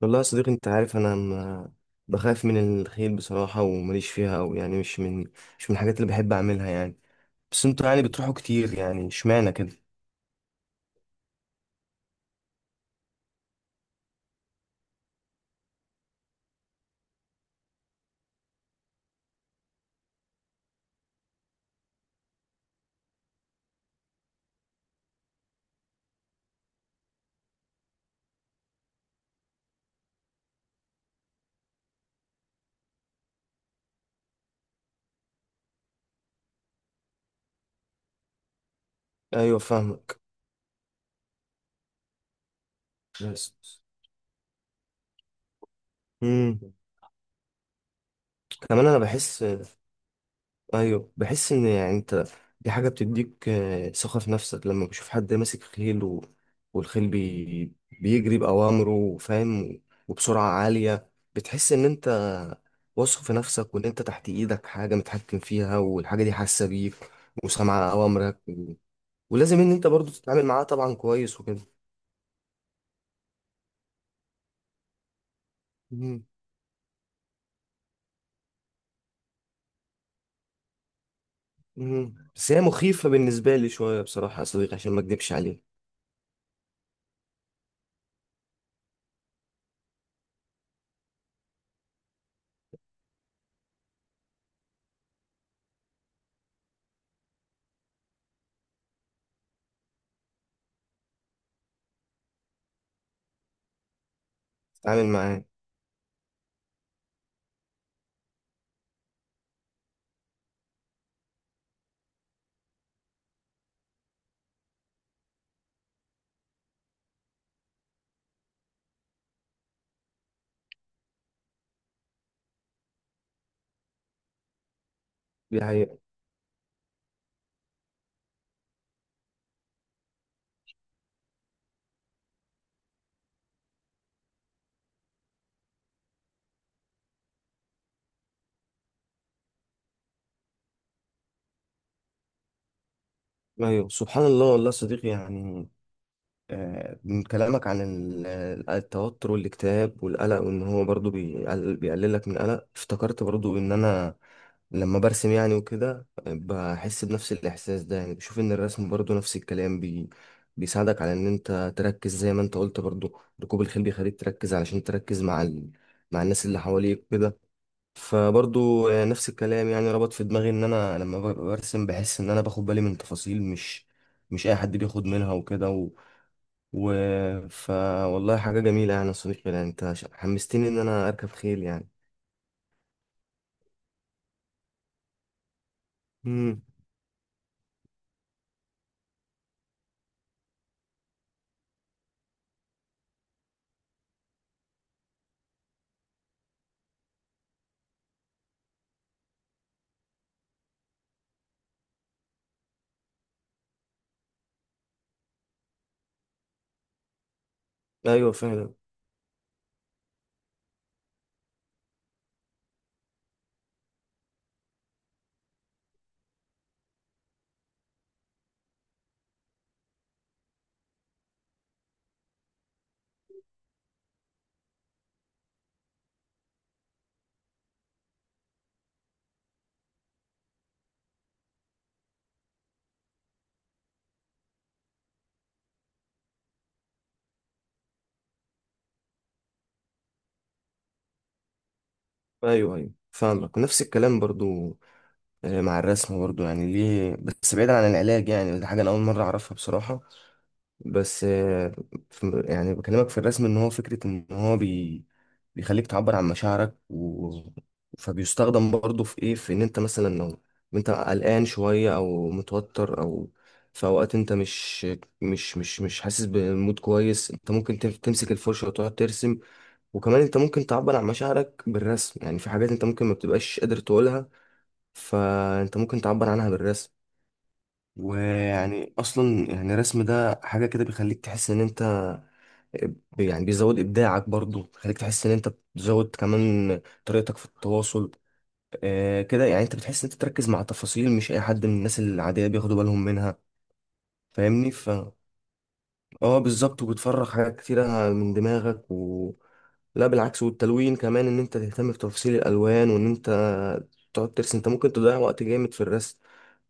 والله يا صديقي، انت عارف انا ما بخاف من الخيل بصراحة، ومليش فيها او يعني مش من الحاجات اللي بحب اعملها يعني. بس انتوا يعني بتروحوا كتير، يعني اشمعنى كده؟ ايوه، فاهمك. بس. امم. كمان انا بحس. ايوه، بحس ان يعني انت. دي حاجه بتديك ثقه في نفسك، لما بشوف حد ماسك خيل والخيل بيجري باوامره، فاهم؟ وبسرعه عاليه. بتحس ان انت واثق في نفسك، وان انت تحت ايدك حاجه متحكم فيها، والحاجه دي حاسه بيك وسامعه اوامرك. ولازم ان انت برضو تتعامل معاها طبعا كويس وكده. مم. مم. بس هي مخيفه بالنسبه لي شويه، بصراحه يا صديقي، عشان ما اكدبش عليك. اتعامل معاها. دي حقيقة. ايوه، سبحان الله. والله يا صديقي، يعني من كلامك عن التوتر والاكتئاب والقلق، وان هو برضو بيقللك من القلق، افتكرت برضو ان انا لما برسم يعني وكده بحس بنفس الاحساس ده. يعني بشوف ان الرسم برضو نفس الكلام بيساعدك على ان انت تركز، زي ما انت قلت برضو ركوب الخيل بيخليك تركز، علشان تركز مع مع الناس اللي حواليك كده. فبرضو نفس الكلام. يعني ربط في دماغي ان انا لما برسم بحس ان انا باخد بالي من تفاصيل مش اي حد بياخد منها وكده و ف والله، حاجة جميلة يعني يا صديقي، يعني انت حمستني ان انا اركب خيل يعني. امم. ايوه، فعلا. ايوه، ايوه، فاهمك. ونفس الكلام برضو مع الرسم برضو، يعني ليه؟ بس بعيدا عن العلاج يعني، دي حاجة انا اول مرة اعرفها بصراحة. بس يعني بكلمك في الرسم ان هو فكرة، ان هو بيخليك تعبر عن مشاعرك. فبيستخدم برضه في ايه، في ان انت مثلا لو انت قلقان شوية او متوتر، او في اوقات انت مش حاسس بمود كويس، انت ممكن تمسك الفرشة وتقعد ترسم. وكمان انت ممكن تعبر عن مشاعرك بالرسم، يعني في حاجات انت ممكن ما بتبقاش قادر تقولها، فانت ممكن تعبر عنها بالرسم. ويعني اصلا يعني الرسم ده حاجة كده بيخليك تحس ان انت يعني بيزود ابداعك برضو، خليك تحس ان انت بتزود كمان طريقتك في التواصل. كده يعني انت بتحس ان انت تركز مع تفاصيل، مش اي حد من الناس العاديه بياخدوا بالهم منها. فاهمني. اه، بالظبط. وبتفرغ حاجات كتيره من دماغك. لا، بالعكس. والتلوين كمان، ان انت تهتم بتفاصيل الالوان، وان انت تقعد ترسم. انت ممكن تضيع وقت جامد في الرسم،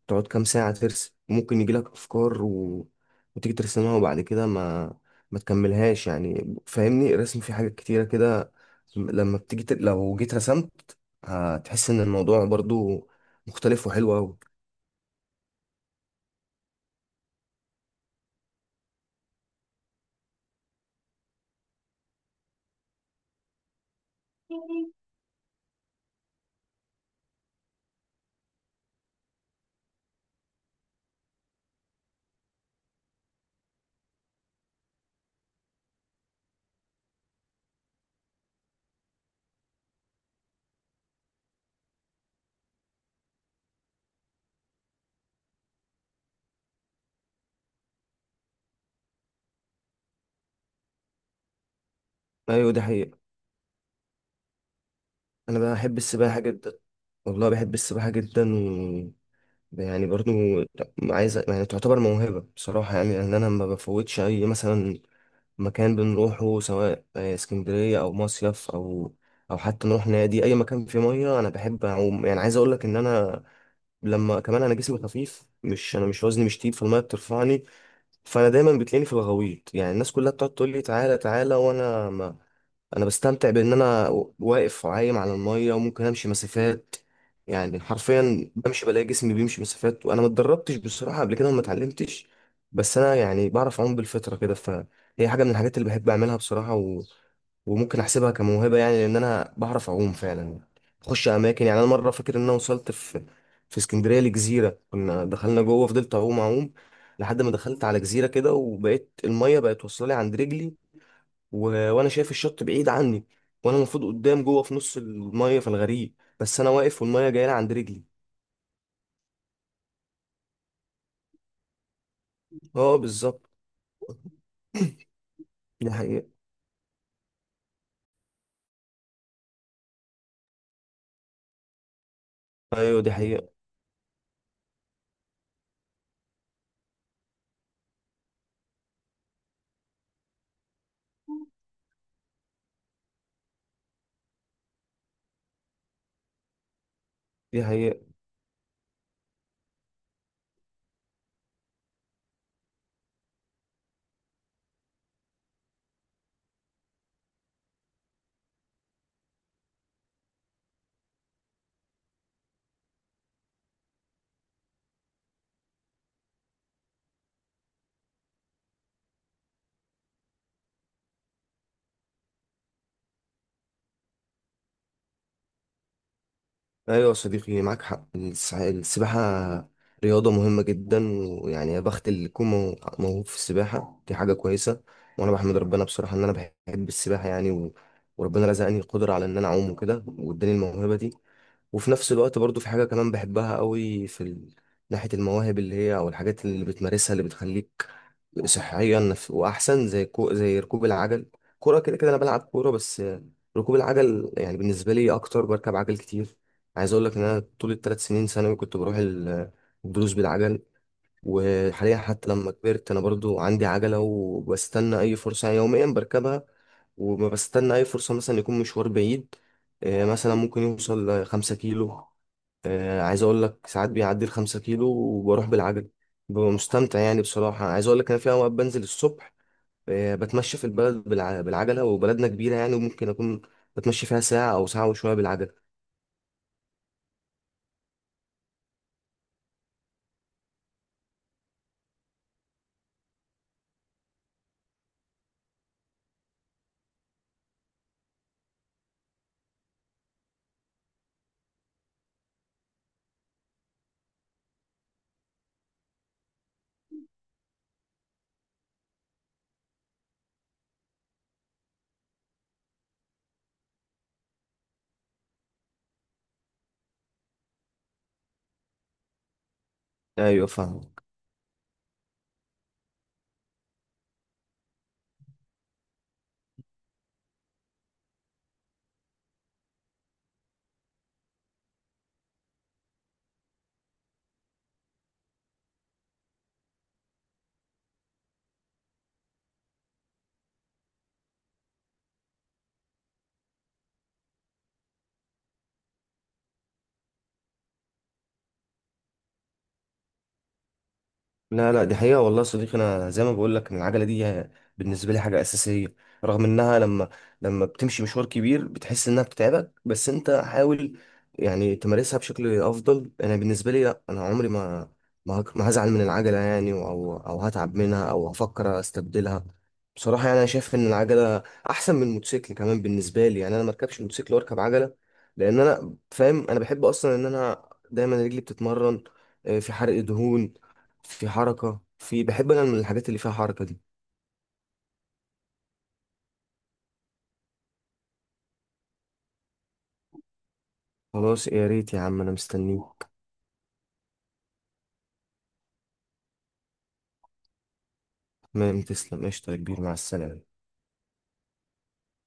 تقعد كام ساعة ترسم، ممكن يجيلك أفكار، وتيجي ترسمها، وبعد كده ما تكملهاش يعني. فاهمني، الرسم فيه حاجات كتيرة كده. لما بتيجي لو جيت رسمت، هتحس إن الموضوع برضو مختلف وحلو أوي. أيوة، دي حقيقة. أنا بحب السباحة جدا. والله، بحب السباحة جدا. يعني برضو عايز يعني تعتبر موهبة بصراحة، يعني لأن أنا ما بفوتش أي مثلا مكان بنروحه، سواء اسكندرية أو مصيف، أو حتى نروح نادي، أي مكان فيه مية أنا بحب أعوم. يعني عايز أقولك إن أنا لما كمان أنا جسمي خفيف، مش أنا مش وزني مش تقيل، فالمية بترفعني، فأنا دايما بتلاقيني في الغويط. يعني الناس كلها بتقعد تقول لي تعالى تعالى، وأنا انا بستمتع بان انا واقف عايم على الميه، وممكن امشي مسافات. يعني حرفيا بمشي، بلاقي جسمي بيمشي مسافات، وانا ما اتدربتش بصراحه قبل كده وما اتعلمتش. بس انا يعني بعرف اعوم بالفطره كده، فهي حاجه من الحاجات اللي بحب اعملها بصراحه. وممكن احسبها كموهبه، يعني لان انا بعرف اعوم فعلا. بخش اماكن، يعني انا مره فاكر ان انا وصلت في اسكندريه لجزيره، كنا دخلنا جوه، فضلت اعوم اعوم لحد ما دخلت على جزيره كده، وبقيت الميه بقت واصله لي عند رجلي، وانا شايف الشط بعيد عني، وانا المفروض قدام جوه في نص الميه في الغريق، بس انا واقف والميه جايه لي عند رجلي. اه، بالظبط. دي حقيقة. أيوة، دي حقيقة. دي حقيقة. أيوة يا صديقي، معاك حق، السباحة رياضة مهمة جدا. ويعني يا بخت اللي يكون موهوب في السباحة، دي حاجة كويسة. وأنا بحمد ربنا بصراحة إن أنا بحب السباحة يعني. وربنا رزقني القدرة على إن أنا أعوم وكده، وإداني الموهبة دي. وفي نفس الوقت برضو في حاجة كمان بحبها قوي في ناحية المواهب اللي هي، أو الحاجات اللي بتمارسها اللي بتخليك صحيا وأحسن، زي زي ركوب العجل. كورة كده كده، أنا بلعب كورة بس. ركوب العجل يعني بالنسبة لي أكتر، بركب عجل كتير. عايز أقول لك إن أنا طول الـ3 سنين ثانوي كنت بروح الدروس بالعجل. وحاليا حتى لما كبرت أنا برضو عندي عجلة، وبستنى أي فرصة يوميا بركبها، وما بستنى أي فرصة مثلا يكون مشوار بعيد. مثلا ممكن يوصل لـ5 كيلو. عايز أقول لك ساعات بيعدي الـ5 كيلو وبروح بالعجل. ببقى مستمتع، يعني بصراحة عايز أقول لك، أنا في أوقات بنزل الصبح بتمشى في البلد بالعجلة، وبلدنا كبيرة يعني، وممكن أكون بتمشي فيها ساعة أو ساعة وشوية بالعجلة. أيوة، فاهم. لا، لا، دي حقيقة. والله يا صديقي، أنا زي ما بقول لك إن العجلة دي بالنسبة لي حاجة أساسية، رغم إنها لما بتمشي مشوار كبير بتحس إنها بتتعبك، بس أنت حاول يعني تمارسها بشكل أفضل. أنا بالنسبة لي لا، أنا عمري ما ما هزعل من العجلة يعني، أو هتعب منها، أو هفكر أستبدلها. بصراحة يعني أنا شايف إن العجلة أحسن من الموتوسيكل كمان بالنسبة لي، يعني أنا مركبش موتوسيكل وأركب عجلة، لأن أنا فاهم أنا بحب أصلا إن أنا دايما رجلي بتتمرن، في حرق دهون، في حركة، بحب أنا من الحاجات اللي فيها حركة دي. خلاص، يا ريت يا عم، أنا مستنيك. تمام، تسلم، قشطة يا كبير، مع السلامة.